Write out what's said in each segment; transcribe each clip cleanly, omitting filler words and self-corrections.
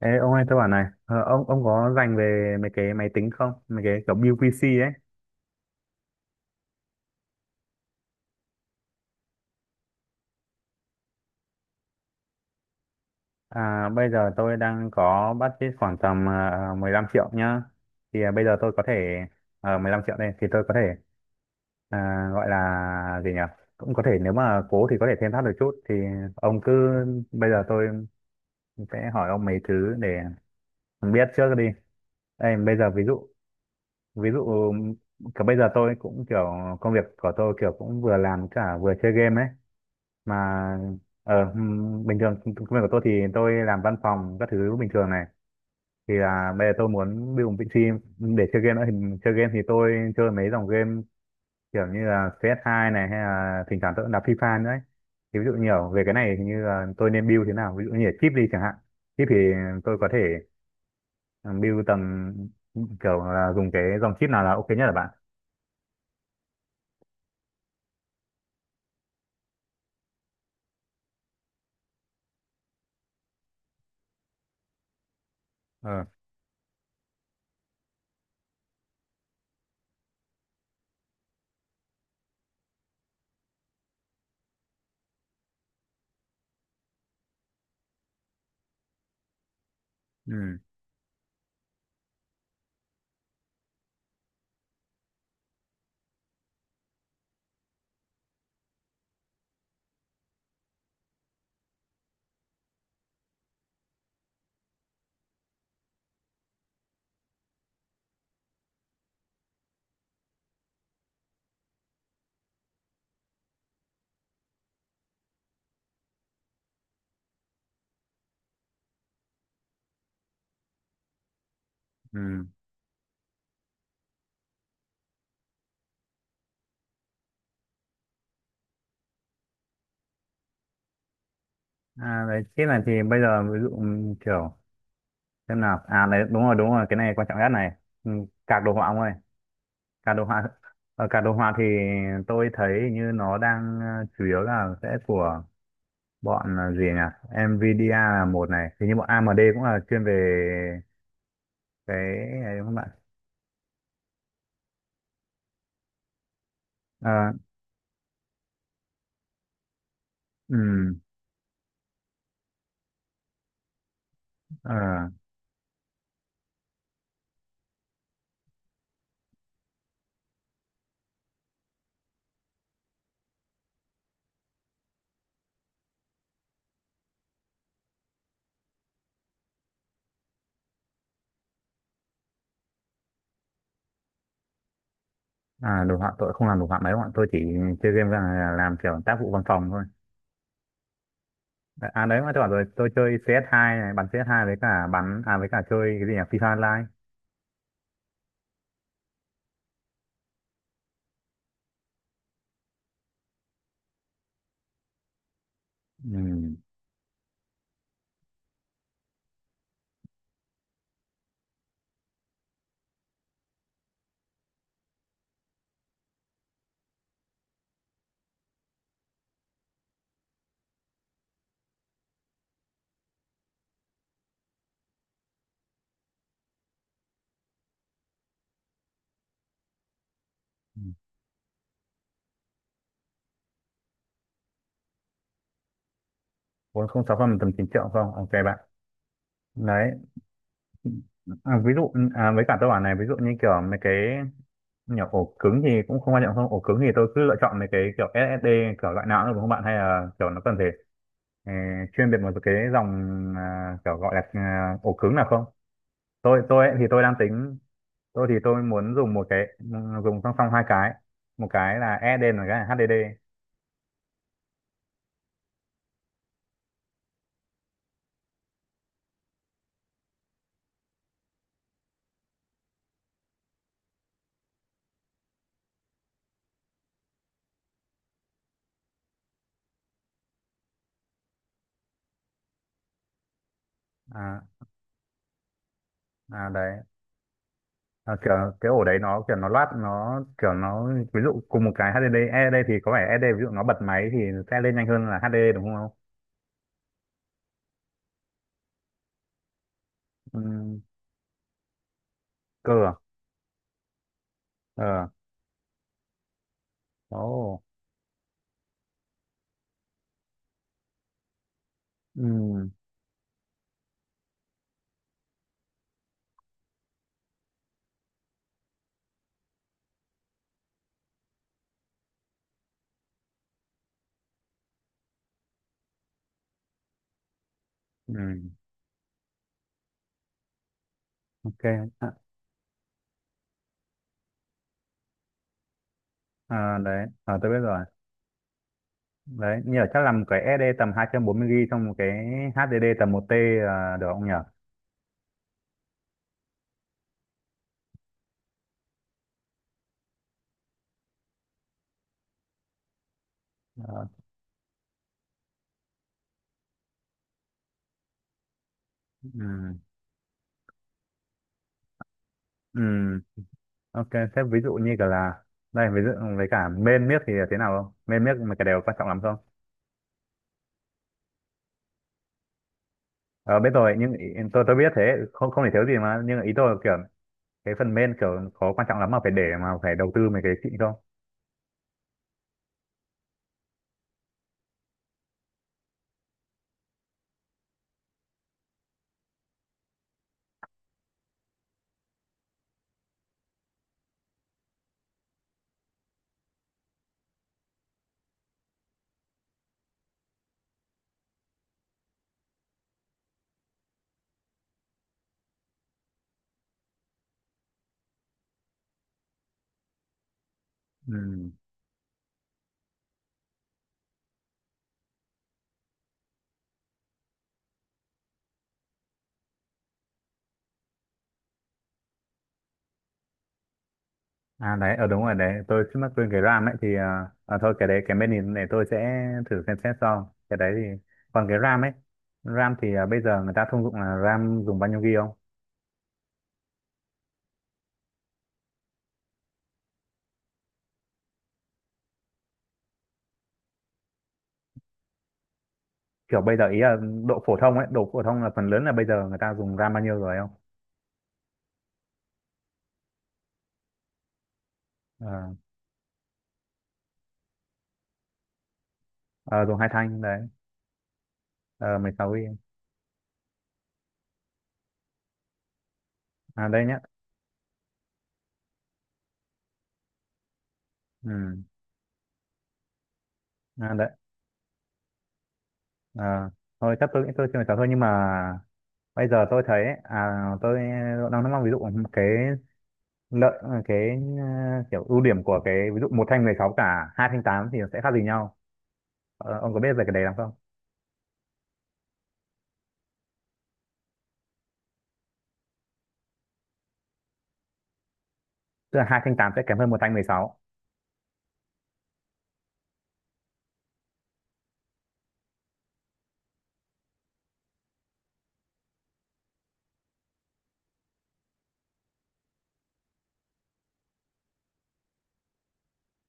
Ê, ông ơi tôi bảo này, ông có dành về mấy cái máy tính không, mấy cái kiểu build PC ấy? À, bây giờ tôi đang có budget khoảng tầm ờ, mười 15 triệu nhá. Thì bây giờ tôi có thể, 15 triệu đây thì tôi có thể, à, gọi là gì nhỉ, cũng có thể nếu mà cố thì có thể thêm thắt được chút thì ông cứ... Bây giờ tôi sẽ hỏi ông mấy thứ để biết trước đi. Đây bây giờ ví dụ, ví dụ cả bây giờ tôi cũng kiểu công việc của tôi kiểu cũng vừa làm cả vừa chơi game ấy mà. Bình thường công công việc của tôi thì tôi làm văn phòng các thứ bình thường này, thì là bây giờ tôi muốn build một PC để chơi game nữa. Thì chơi game thì tôi chơi mấy dòng game kiểu như là CS2 này, hay là thỉnh thoảng tôi cũng đá FIFA nữa ấy. Thì ví dụ nhiều về cái này thì như là tôi nên build thế nào, ví dụ như là chip đi chẳng hạn. Chip thì tôi có thể, ừ, build tầm, kiểu là dùng cái dòng chip nào là ok nhất là bạn? Ờ. Ừ. Ừ. À, đấy chip này thì bây giờ ví dụ, kiểu xem nào, à đấy, đúng rồi đúng rồi, cái này quan trọng nhất này. ừ, Card đồ họa ông ơi, card đồ họa. Ở card đồ họa thì tôi thấy như nó đang, chủ yếu là sẽ của bọn, gì nhỉ, Nvidia là một này, thì như bọn AMD cũng là chuyên về cái này đúng không bạn? Ờ. ừm, ờ, À, đồ họa tôi không làm đồ họa mấy, bọn tôi chỉ chơi game là làm kiểu tác vụ văn phòng thôi. À đấy mà tôi bảo rồi, tôi chơi CS2 này, bắn CS2, với cả bắn à, với cả chơi cái gì nhỉ, FIFA Online. Ừ. Bốn không sáu phần tầm 9 triệu không? Ok bạn. Đấy. À, ví dụ, à, với cả tôi bảo này, ví dụ như kiểu mấy cái nhỏ, ổ cứng thì cũng không quan trọng không? Ổ cứng thì tôi cứ lựa chọn mấy cái kiểu SSD kiểu loại nào cũng được đúng không bạn? Hay là kiểu nó cần phải, ờ, chuyên biệt một cái dòng, à, kiểu gọi là à, ổ cứng nào không? Tôi ấy, thì tôi đang tính, tôi thì tôi muốn dùng một cái, dùng song song hai cái, một cái là SSD và một cái là HDD. À. À đấy. À, kiểu cái ổ đấy nó kiểu nó loát nó kiểu nó, ví dụ cùng một cái HDD SSD thì có vẻ E SSD ví dụ nó bật máy thì sẽ lên nhanh hơn là HDD đúng không? Ừ, cơ à? Ờ. Ồ. Ừ. Ừ. Ok. À. À, đấy. Ờ tôi biết rồi. Đấy, nhờ chắc làm cái E SSD tầm 240 GB trong một cái HDD tầm một t, à, được không nhỉ? Ờ. Ừ. Ừ. Ok, thế ví dụ như cả là, đây ví dụ, với cả main miếc thì thế nào không? Main miếc mà cái đều quan trọng lắm không? Ờ, biết rồi nhưng ý, tôi biết thế, không không thể thiếu gì mà, nhưng ý tôi là kiểu cái phần main kiểu có quan trọng lắm mà phải để mà phải đầu tư mấy cái xịn không? Ừ. À đấy, ở đúng rồi đấy, tôi trước mắt quên cái RAM ấy, thì à, à, thôi cái đấy cái main này để tôi sẽ thử xem xét sau cái đấy thì. Còn cái RAM ấy, RAM thì à, bây giờ người ta thông dụng là RAM dùng bao nhiêu GB không? Kiểu bây giờ ý là độ phổ thông ấy, độ phổ thông là phần lớn là bây giờ người ta dùng RAM bao nhiêu rồi không? Ờ. ờ, Dùng hai thanh đấy. 16 GB. À đây nhá. Ừ. À, đấy. À, thôi chắc tôi nghĩ tôi chưa nói thôi, nhưng mà bây giờ tôi thấy à, tôi đang nói ví dụ cái lợi, cái, kiểu ưu điểm của cái ví dụ một thanh 16 cả hai thanh 8 thì nó sẽ khác gì nhau? Ờ, ông có biết về cái đấy lắm không? Tức là hai thanh 8 sẽ kém hơn một thanh mười sáu,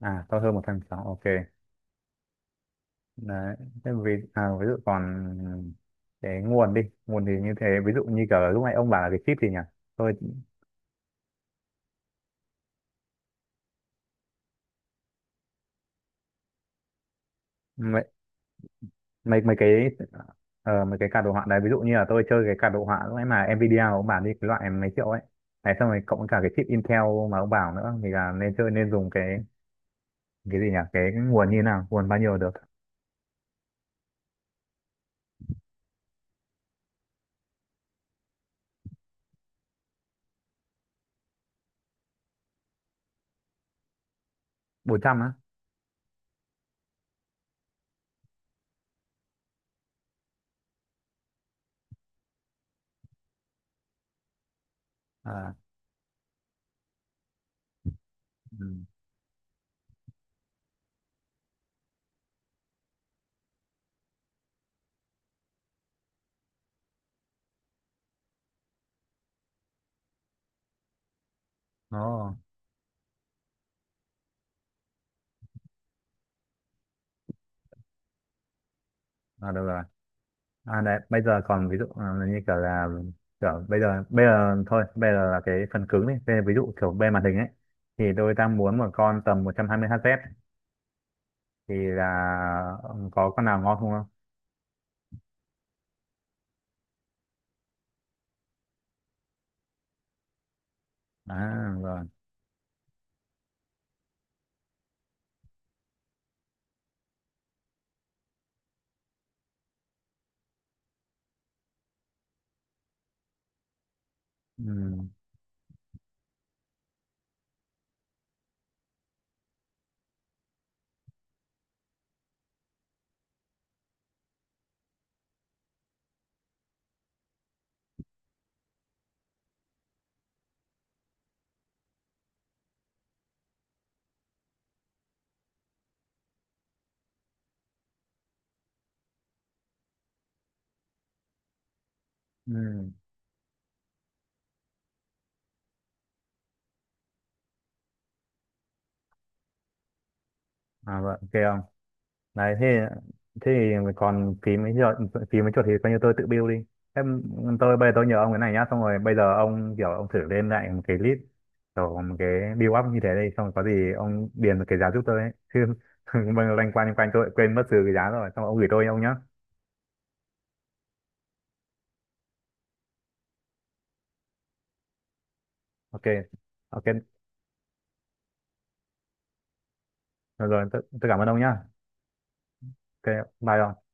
à to hơn một thanh 16, ok. Đấy. Thế vì à, ví dụ còn cái nguồn đi, nguồn thì như thế, ví dụ như cả lúc nãy ông bảo là cái chip thì nhỉ, tôi, mấy mấy cái, mấy cái card đồ họa đấy, ví dụ như là tôi chơi cái card đồ họa lúc nãy mà Nvidia ông bảo đi, cái loại mấy triệu ấy này, xong rồi cộng cả cái chip Intel mà ông bảo nữa, thì là nên chơi nên dùng cái gì nhỉ, cái nguồn như thế nào, nguồn bao nhiêu được? 400 á? À. Ừ. Nó. À được rồi. À đấy bây giờ còn ví dụ, như kiểu là kiểu bây giờ, bây giờ thôi bây giờ là cái phần cứng đi. Bây giờ ví dụ kiểu bên màn hình ấy, thì tôi đang muốn một con tầm 120 Hz, thì là, có con nào ngon không không? À rồi. Ừ. Ừ. À vậy ok không. Đấy. Thế, thế thì còn phí mấy chuột, phí mấy chuột thì coi như tôi tự bill đi em. Tôi bây giờ tôi nhờ ông cái này nhá, xong rồi bây giờ ông kiểu ông thử lên lại một cái list, kiểu một cái bill up như thế đây, xong rồi có gì ông điền một cái giá giúp tôi ấy chứ mình loanh quanh tôi lại quên mất trừ cái giá rồi, xong rồi ông gửi tôi ông nhá. Ok ok. Rồi, rồi tôi cảm ơn ông nhá. Ok, bye ông.